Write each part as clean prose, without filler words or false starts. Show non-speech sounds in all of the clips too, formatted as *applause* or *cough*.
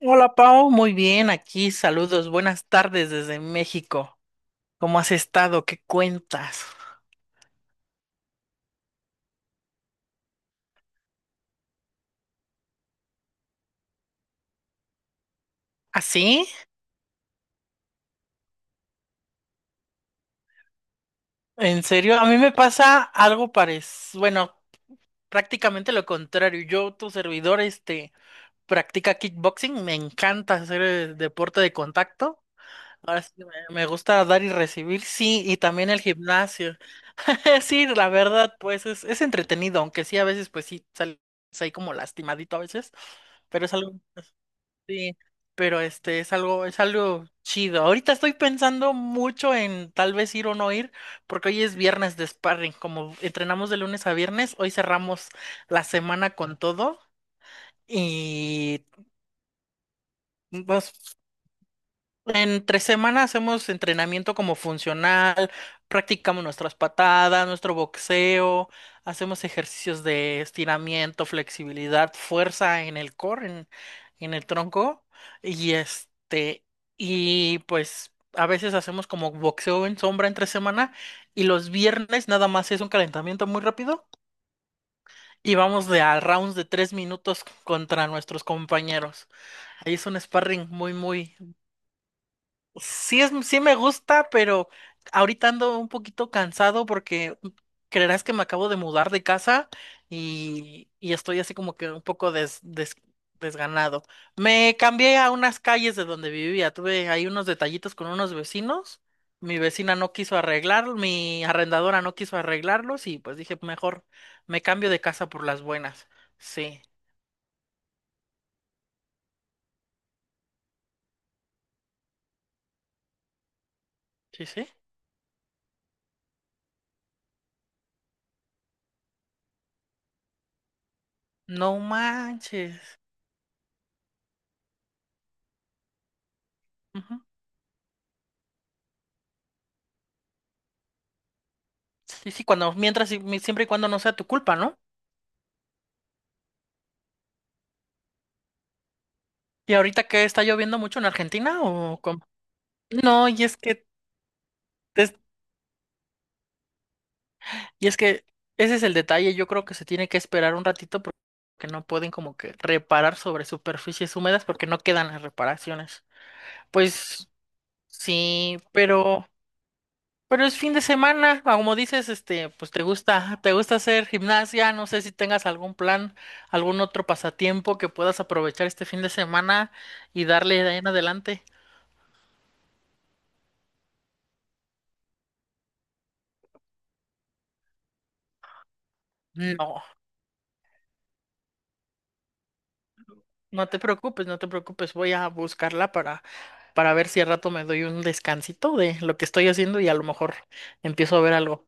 Hola Pau, muy bien, aquí saludos, buenas tardes desde México. ¿Cómo has estado? ¿Qué cuentas? ¿Así? ¿En serio? A mí me pasa algo parecido, bueno, prácticamente lo contrario. Yo, tu servidor, practica kickboxing, me encanta hacer deporte de contacto. Ahora sí que me gusta dar y recibir, sí, y también el gimnasio. *laughs* Sí, la verdad, pues es entretenido, aunque sí, a veces, pues sí, sales ahí como lastimadito a veces, pero es algo. Sí, pero este es algo chido. Ahorita estoy pensando mucho en tal vez ir o no ir, porque hoy es viernes de sparring. Como entrenamos de lunes a viernes, hoy cerramos la semana con todo y pues entre semana hacemos entrenamiento como funcional, practicamos nuestras patadas, nuestro boxeo, hacemos ejercicios de estiramiento, flexibilidad, fuerza en el core, en el tronco, y este, y pues a veces hacemos como boxeo en sombra entre semana, y los viernes nada más es un calentamiento muy rápido, y vamos de a rounds de 3 minutos contra nuestros compañeros. Ahí es un sparring muy, muy. Sí me gusta, pero ahorita ando un poquito cansado porque creerás que me acabo de mudar de casa y estoy así como que un poco desganado. Me cambié a unas calles de donde vivía. Tuve ahí unos detallitos con unos vecinos. Mi vecina no quiso arreglarlos, mi arrendadora no quiso arreglarlos y pues dije, mejor me cambio de casa por las buenas. Sí, sí, sí. No manches. Sí, sí, cuando, mientras, siempre y cuando no sea tu culpa, ¿no? ¿Y ahorita que está lloviendo mucho en Argentina o cómo? No, es- y es que ese es el detalle, yo creo que se tiene que esperar un ratito porque no pueden como que reparar sobre superficies húmedas porque no quedan las reparaciones. Pues sí, pero es fin de semana, ah, como dices, pues te gusta hacer gimnasia, no sé si tengas algún plan, algún otro pasatiempo que puedas aprovechar este fin de semana y darle de ahí en adelante. No, no te preocupes, no te preocupes. Voy a buscarla para ver si al rato me doy un descansito de lo que estoy haciendo y a lo mejor empiezo a ver algo.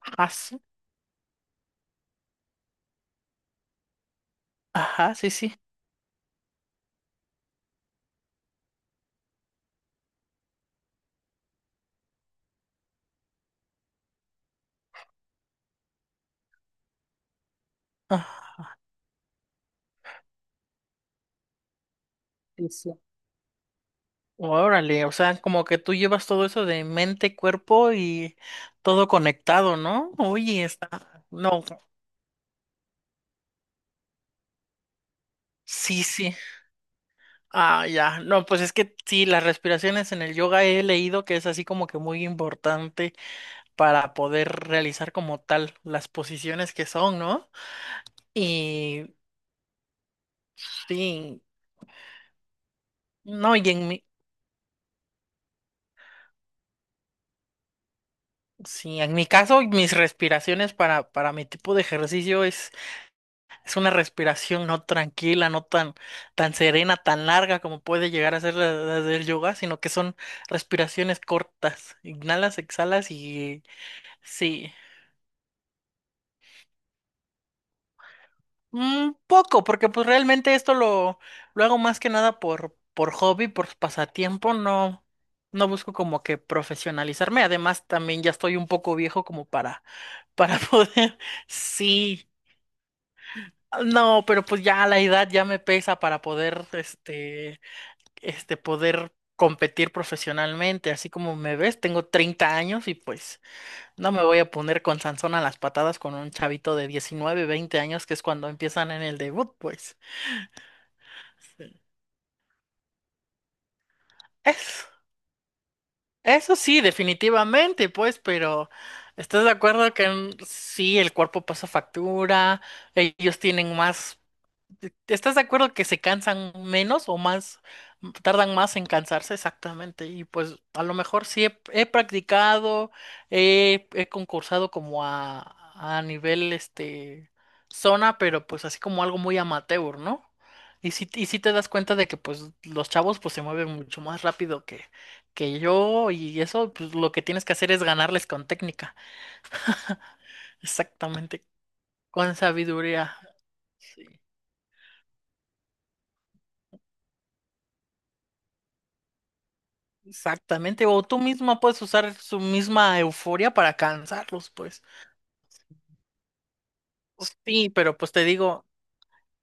Ajá, sí, ajá, sí, sí. Ah, sí, sí. Órale, o sea, como que tú llevas todo eso de mente, cuerpo y todo conectado, ¿no? Oye, está. No, sí, sí. Ah, ya. No, pues es que sí, las respiraciones en el yoga he leído que es así como que muy importante para poder realizar como tal las posiciones que son, ¿no? Y sí, no, y en mi, sí, en mi caso, mis respiraciones para mi tipo de ejercicio es una respiración no tranquila, no tan, tan serena, tan larga como puede llegar a ser la del yoga, sino que son respiraciones cortas. Inhalas, exhalas y sí, un poco, porque pues realmente esto lo hago más que nada por hobby, por pasatiempo, no, no busco como que profesionalizarme. Además, también ya estoy un poco viejo como para poder, *laughs* sí. No, pero pues ya la edad ya me pesa para poder, poder competir profesionalmente. Así como me ves, tengo 30 años y pues no me voy a poner con Sansón a las patadas con un chavito de 19, 20 años, que es cuando empiezan en el debut, pues. Sí. Eso, eso sí, definitivamente, pues, pero ¿estás de acuerdo que sí, el cuerpo pasa factura, ellos tienen más? ¿Estás de acuerdo que se cansan menos o más, tardan más en cansarse? Exactamente. Y pues a lo mejor sí he practicado, he concursado como a nivel zona, pero pues así como algo muy amateur, ¿no? Y sí te das cuenta de que pues los chavos pues se mueven mucho más rápido que yo, y eso pues lo que tienes que hacer es ganarles con técnica. Exactamente, con sabiduría. Sí. Exactamente, o tú mismo puedes usar su misma euforia para cansarlos, pues. Sí, pero pues te digo,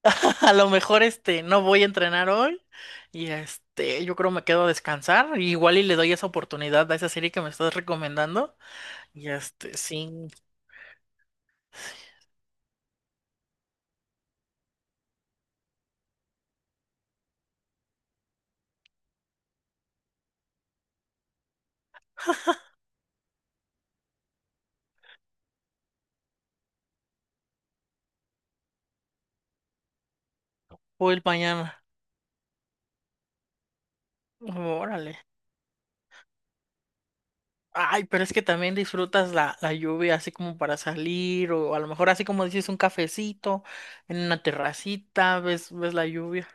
*laughs* a lo mejor no voy a entrenar hoy y yo creo me quedo a descansar, igual y le doy esa oportunidad a esa serie que me estás recomendando y sí, o el mañana. Órale. Ay, pero es que también disfrutas la lluvia así como para salir o a lo mejor así como dices un cafecito en una terracita, ves la lluvia.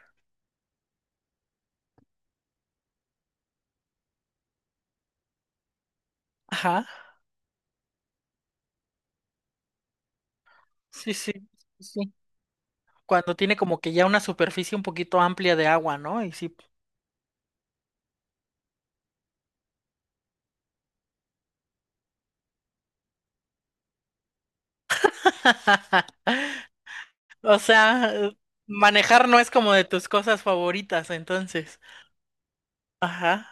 Ajá. Sí, sí, sí, sí. Cuando tiene como que ya una superficie un poquito amplia de agua, ¿no? Y sí. *laughs* O sea, manejar no es como de tus cosas favoritas, entonces. Ajá.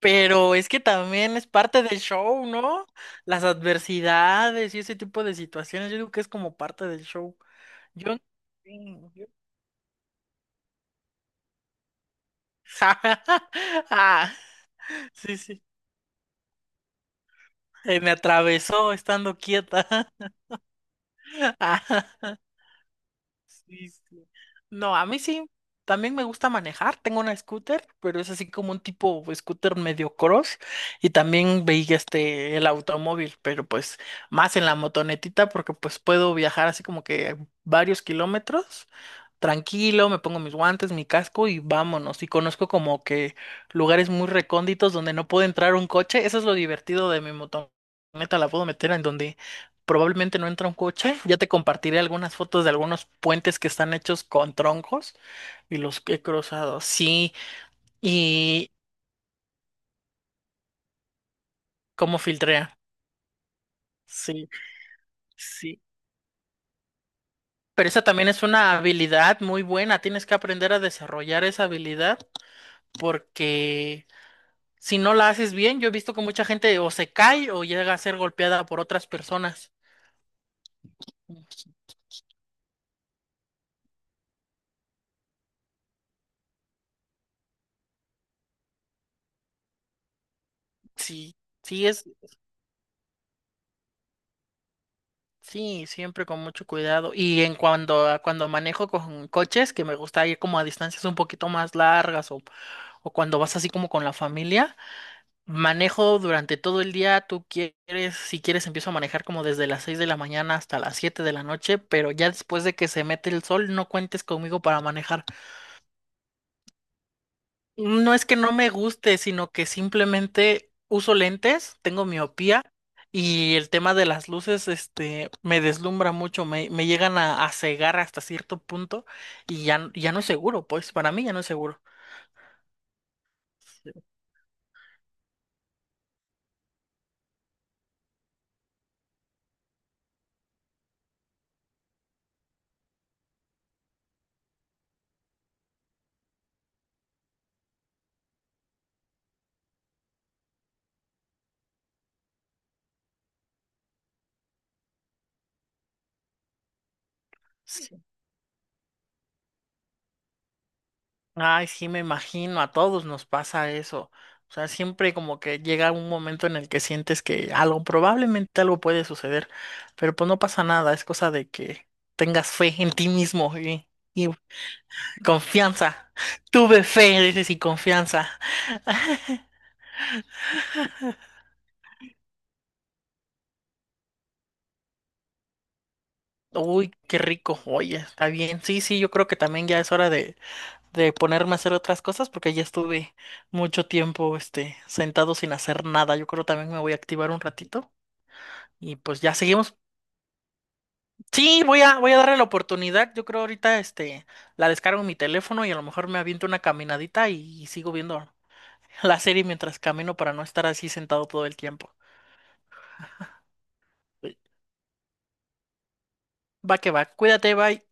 Pero es que también es parte del show, ¿no? Las adversidades y ese tipo de situaciones, yo digo que es como parte del show. Yo... sí, *laughs* Ah, sí, sí. Se me atravesó estando quieta. *laughs* Sí, sí. No, a mí sí, también me gusta manejar. Tengo una scooter, pero es así como un tipo scooter medio cross. Y también veía el automóvil, pero pues más en la motonetita porque pues puedo viajar así como que varios kilómetros. Tranquilo, me pongo mis guantes, mi casco y vámonos. Y conozco como que lugares muy recónditos donde no puede entrar un coche. Eso es lo divertido de mi motoneta, la puedo meter en donde probablemente no entra un coche. Ya te compartiré algunas fotos de algunos puentes que están hechos con troncos y los que he cruzado. Sí, y cómo filtrea. Sí, sí. Pero esa también es una habilidad muy buena. Tienes que aprender a desarrollar esa habilidad porque si no la haces bien, yo he visto que mucha gente o se cae o llega a ser golpeada por otras personas. Mm, sí, sí es. Sí, siempre con mucho cuidado. Y cuando manejo con coches, que me gusta ir como a distancias un poquito más largas o cuando vas así como con la familia, manejo durante todo el día. Tú quieres, si quieres, empiezo a manejar como desde las 6 de la mañana hasta las 7 de la noche, pero ya después de que se mete el sol, no cuentes conmigo para manejar. No es que no me guste, sino que simplemente uso lentes, tengo miopía y el tema de las luces, me deslumbra mucho, me llegan a cegar hasta cierto punto y ya, ya no es seguro, pues para mí ya no es seguro. Sí. Sí. Ay, sí, me imagino, a todos nos pasa eso. O sea, siempre como que llega un momento en el que sientes que algo, probablemente algo puede suceder, pero pues no pasa nada, es cosa de que tengas fe en ti mismo y confianza. Tuve fe, dices, y confianza. *laughs* Uy, qué rico. Oye, está bien. Sí, sí, yo creo que también ya es hora de ponerme a hacer otras cosas porque ya estuve mucho tiempo, sentado sin hacer nada. Yo creo también me voy a activar un ratito y pues ya seguimos. Sí, voy a darle la oportunidad. Yo creo ahorita, la descargo en mi teléfono y a lo mejor me aviento una caminadita y sigo viendo la serie mientras camino para no estar así sentado todo el tiempo. Va que va. Cuídate, bye.